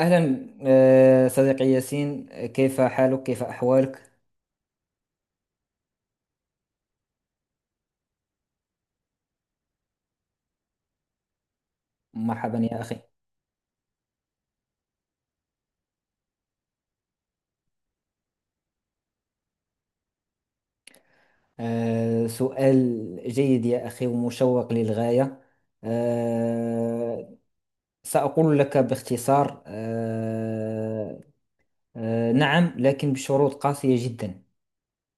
أهلا، صديقي ياسين، كيف حالك؟ كيف أحوالك؟ مرحبا يا أخي. سؤال جيد يا أخي ومشوق للغاية. آه، سأقول لك باختصار، نعم، لكن بشروط قاسية جدا.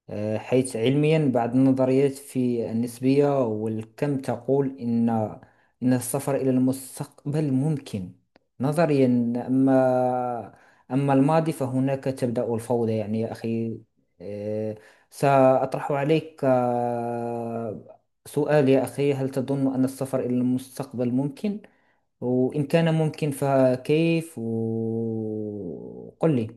حيث علميا بعض النظريات في النسبية والكم تقول إن السفر إلى المستقبل ممكن نظريا. أما أما الماضي فهناك تبدأ الفوضى، يعني يا أخي. آه، سأطرح عليك سؤال يا أخي: هل تظن أن السفر إلى المستقبل ممكن؟ وإن كان ممكن فكيف؟ وقل لي.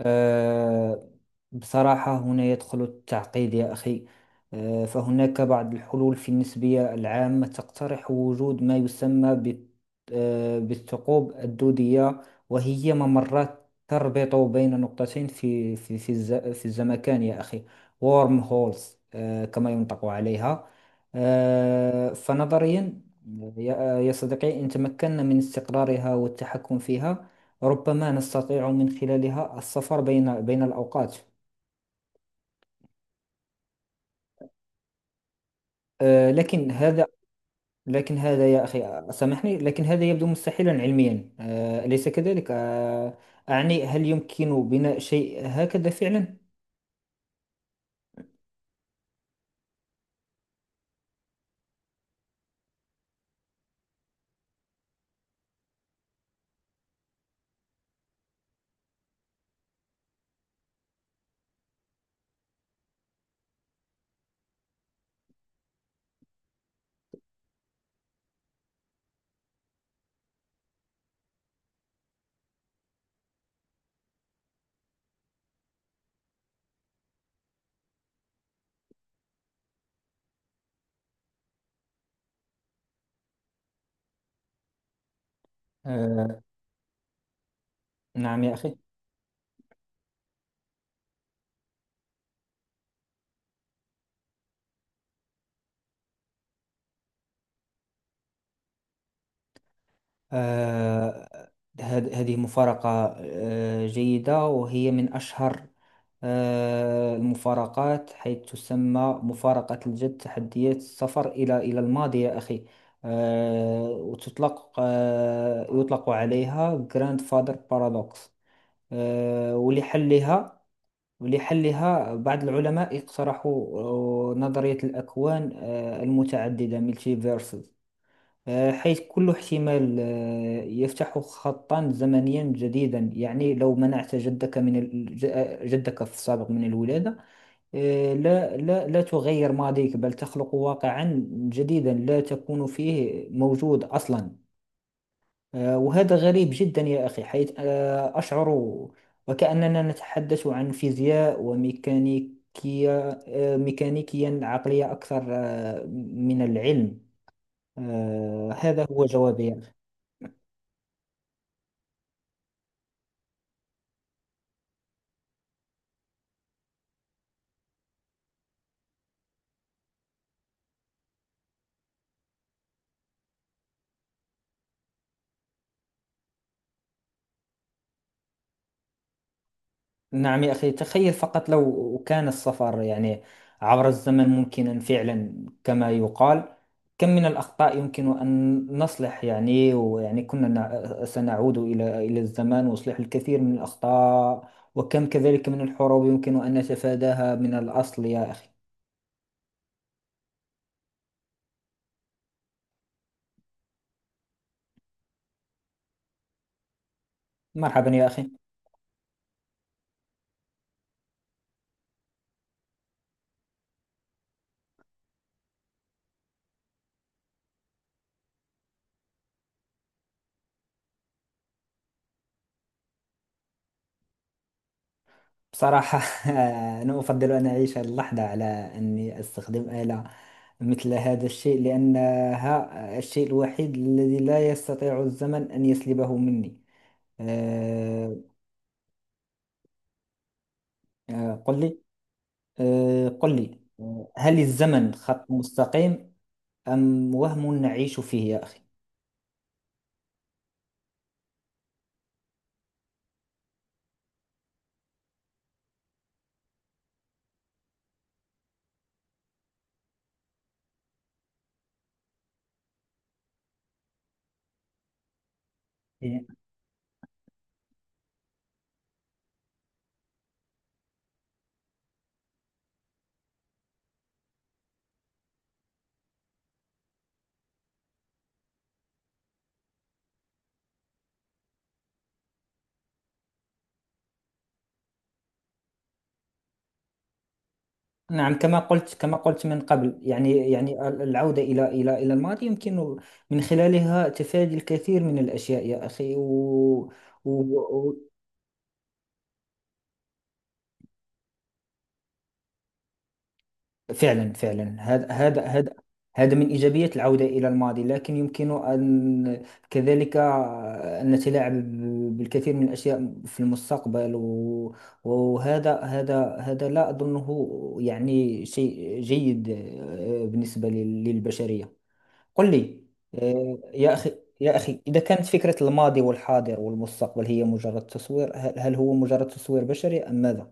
آه، بصراحة هنا يدخل التعقيد يا أخي. فهناك بعض الحلول في النسبية العامة تقترح وجود ما يسمى بالثقوب الدودية، وهي ممرات تربط بين نقطتين في الزمكان يا أخي، وورم هولز كما ينطق عليها. فنظريا يا يا صديقي، إن تمكنا من استقرارها والتحكم فيها ربما نستطيع من خلالها السفر بين الأوقات. لكن هذا، لكن هذا يا أخي سامحني، لكن هذا يبدو مستحيلا علميا، أليس كذلك؟ أعني هل يمكن بناء شيء هكذا فعلا؟ آه، نعم يا أخي. آه، هذه مفارقة جيدة، وهي من أشهر المفارقات، حيث تسمى مفارقة الجد، تحديات السفر إلى الماضي يا أخي. آه، وتطلق آه، يطلق عليها Grandfather Paradox. ولحلها ولحلها بعض العلماء اقترحوا نظرية الأكوان المتعددة، multiverses، حيث كل احتمال يفتح خطا زمنيا جديدا. يعني لو منعت جدك في السابق من الولادة، لا لا، لا تغير ماضيك، بل تخلق واقعا جديدا لا تكون فيه موجود أصلا. وهذا غريب جدا يا أخي، حيث أشعر وكأننا نتحدث عن فيزياء وميكانيكية، ميكانيكيا عقلية أكثر من العلم. هذا هو جوابي. نعم يا أخي، تخيل فقط لو كان السفر، يعني عبر الزمن، ممكنا فعلا كما يقال، كم من الأخطاء يمكن أن نصلح، يعني، سنعود إلى الزمان وإصلاح الكثير من الأخطاء، وكم كذلك من الحروب يمكن أن نتفاداها من الأصل يا أخي. مرحبا يا أخي. بصراحة، أنا أفضل أن أعيش هذه اللحظة على أني أستخدم آلة مثل هذا الشيء، لأنها الشيء الوحيد الذي لا يستطيع الزمن أن يسلبه مني. أه، أه، قل لي، قل لي، هل الزمن خط مستقيم أم وهم نعيش فيه يا أخي؟ إيه. نعم، كما قلت، كما قلت من قبل، يعني يعني العودة إلى الماضي يمكن من خلالها تفادي الكثير من الأشياء يا أخي و... و... فعلا، فعلا، هذا، هذا هذا هذا من إيجابيات العودة إلى الماضي، لكن يمكن أن كذلك أن نتلاعب بالكثير من الأشياء في المستقبل، وهذا، هذا هذا لا أظنه يعني شيء جيد بالنسبة للبشرية. قل لي يا أخي، يا أخي، إذا كانت فكرة الماضي والحاضر والمستقبل هي مجرد تصوير، هل هو مجرد تصوير بشري أم ماذا؟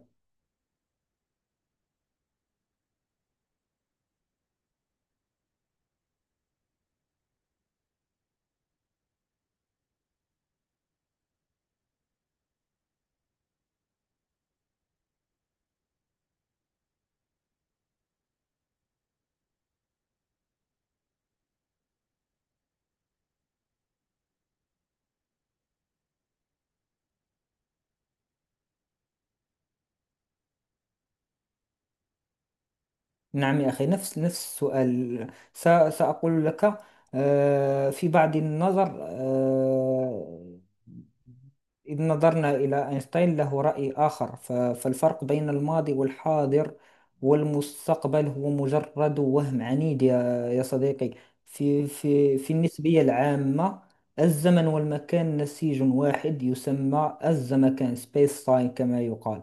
نعم يا أخي، نفس السؤال. س- سأقول لك، في بعض النظر، إذ نظرنا إلى أينشتاين له رأي آخر. فالفرق بين الماضي والحاضر والمستقبل هو مجرد وهم عنيد يا صديقي. في النسبية العامة الزمن والمكان نسيج واحد يسمى الزمكان، سبيس تايم كما يقال،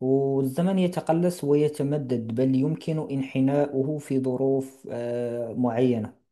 والزمن يتقلص ويتمدد، بل يمكن انحناؤه في ظروف معينة.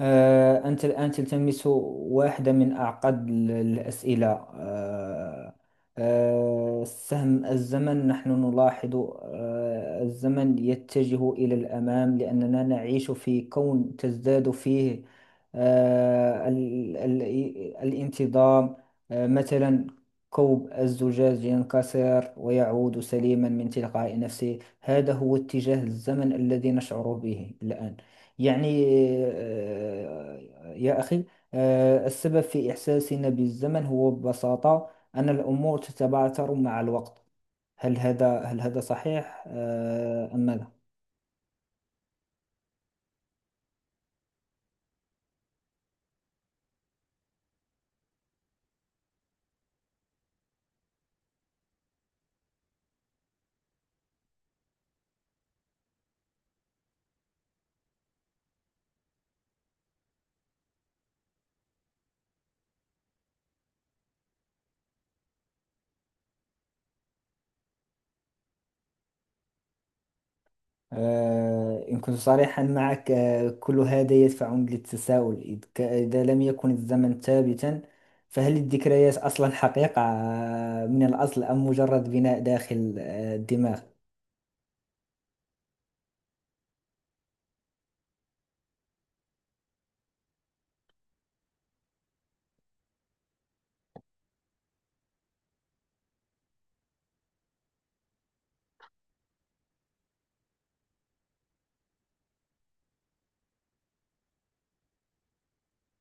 أنت الآن تلتمس واحدة من أعقد الأسئلة. آه، سهم الزمن، نحن نلاحظ الزمن يتجه إلى الأمام لأننا نعيش في كون تزداد فيه آه، ال- ال- الانتظام. مثلا، كوب الزجاج ينكسر ويعود سليما من تلقاء نفسه، هذا هو اتجاه الزمن الذي نشعر به الآن، يعني آه، يا أخي. السبب في إحساسنا بالزمن هو ببساطة أن الأمور تتبعثر مع الوقت. هل هذا، هل هذا صحيح أم ماذا؟ إن كنت صريحا معك، كل هذا يدفعني للتساؤل، إذا لم يكن الزمن ثابتا فهل الذكريات أصلا حقيقة من الأصل، أم مجرد بناء داخل الدماغ؟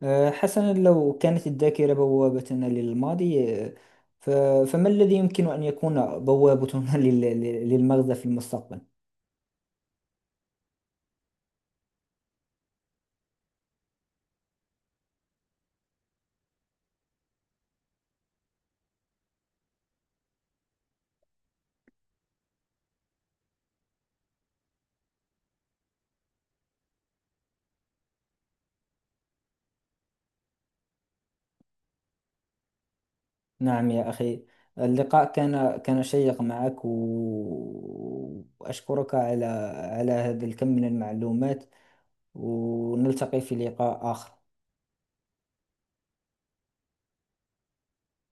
حسنا، لو كانت الذاكرة بوابتنا للماضي، ف- فما الذي يمكن أن يكون بوابتنا للمغزى في المستقبل؟ نعم يا أخي، اللقاء كان، كان شيق معك، وأشكرك على على هذا الكم من المعلومات، ونلتقي في لقاء آخر.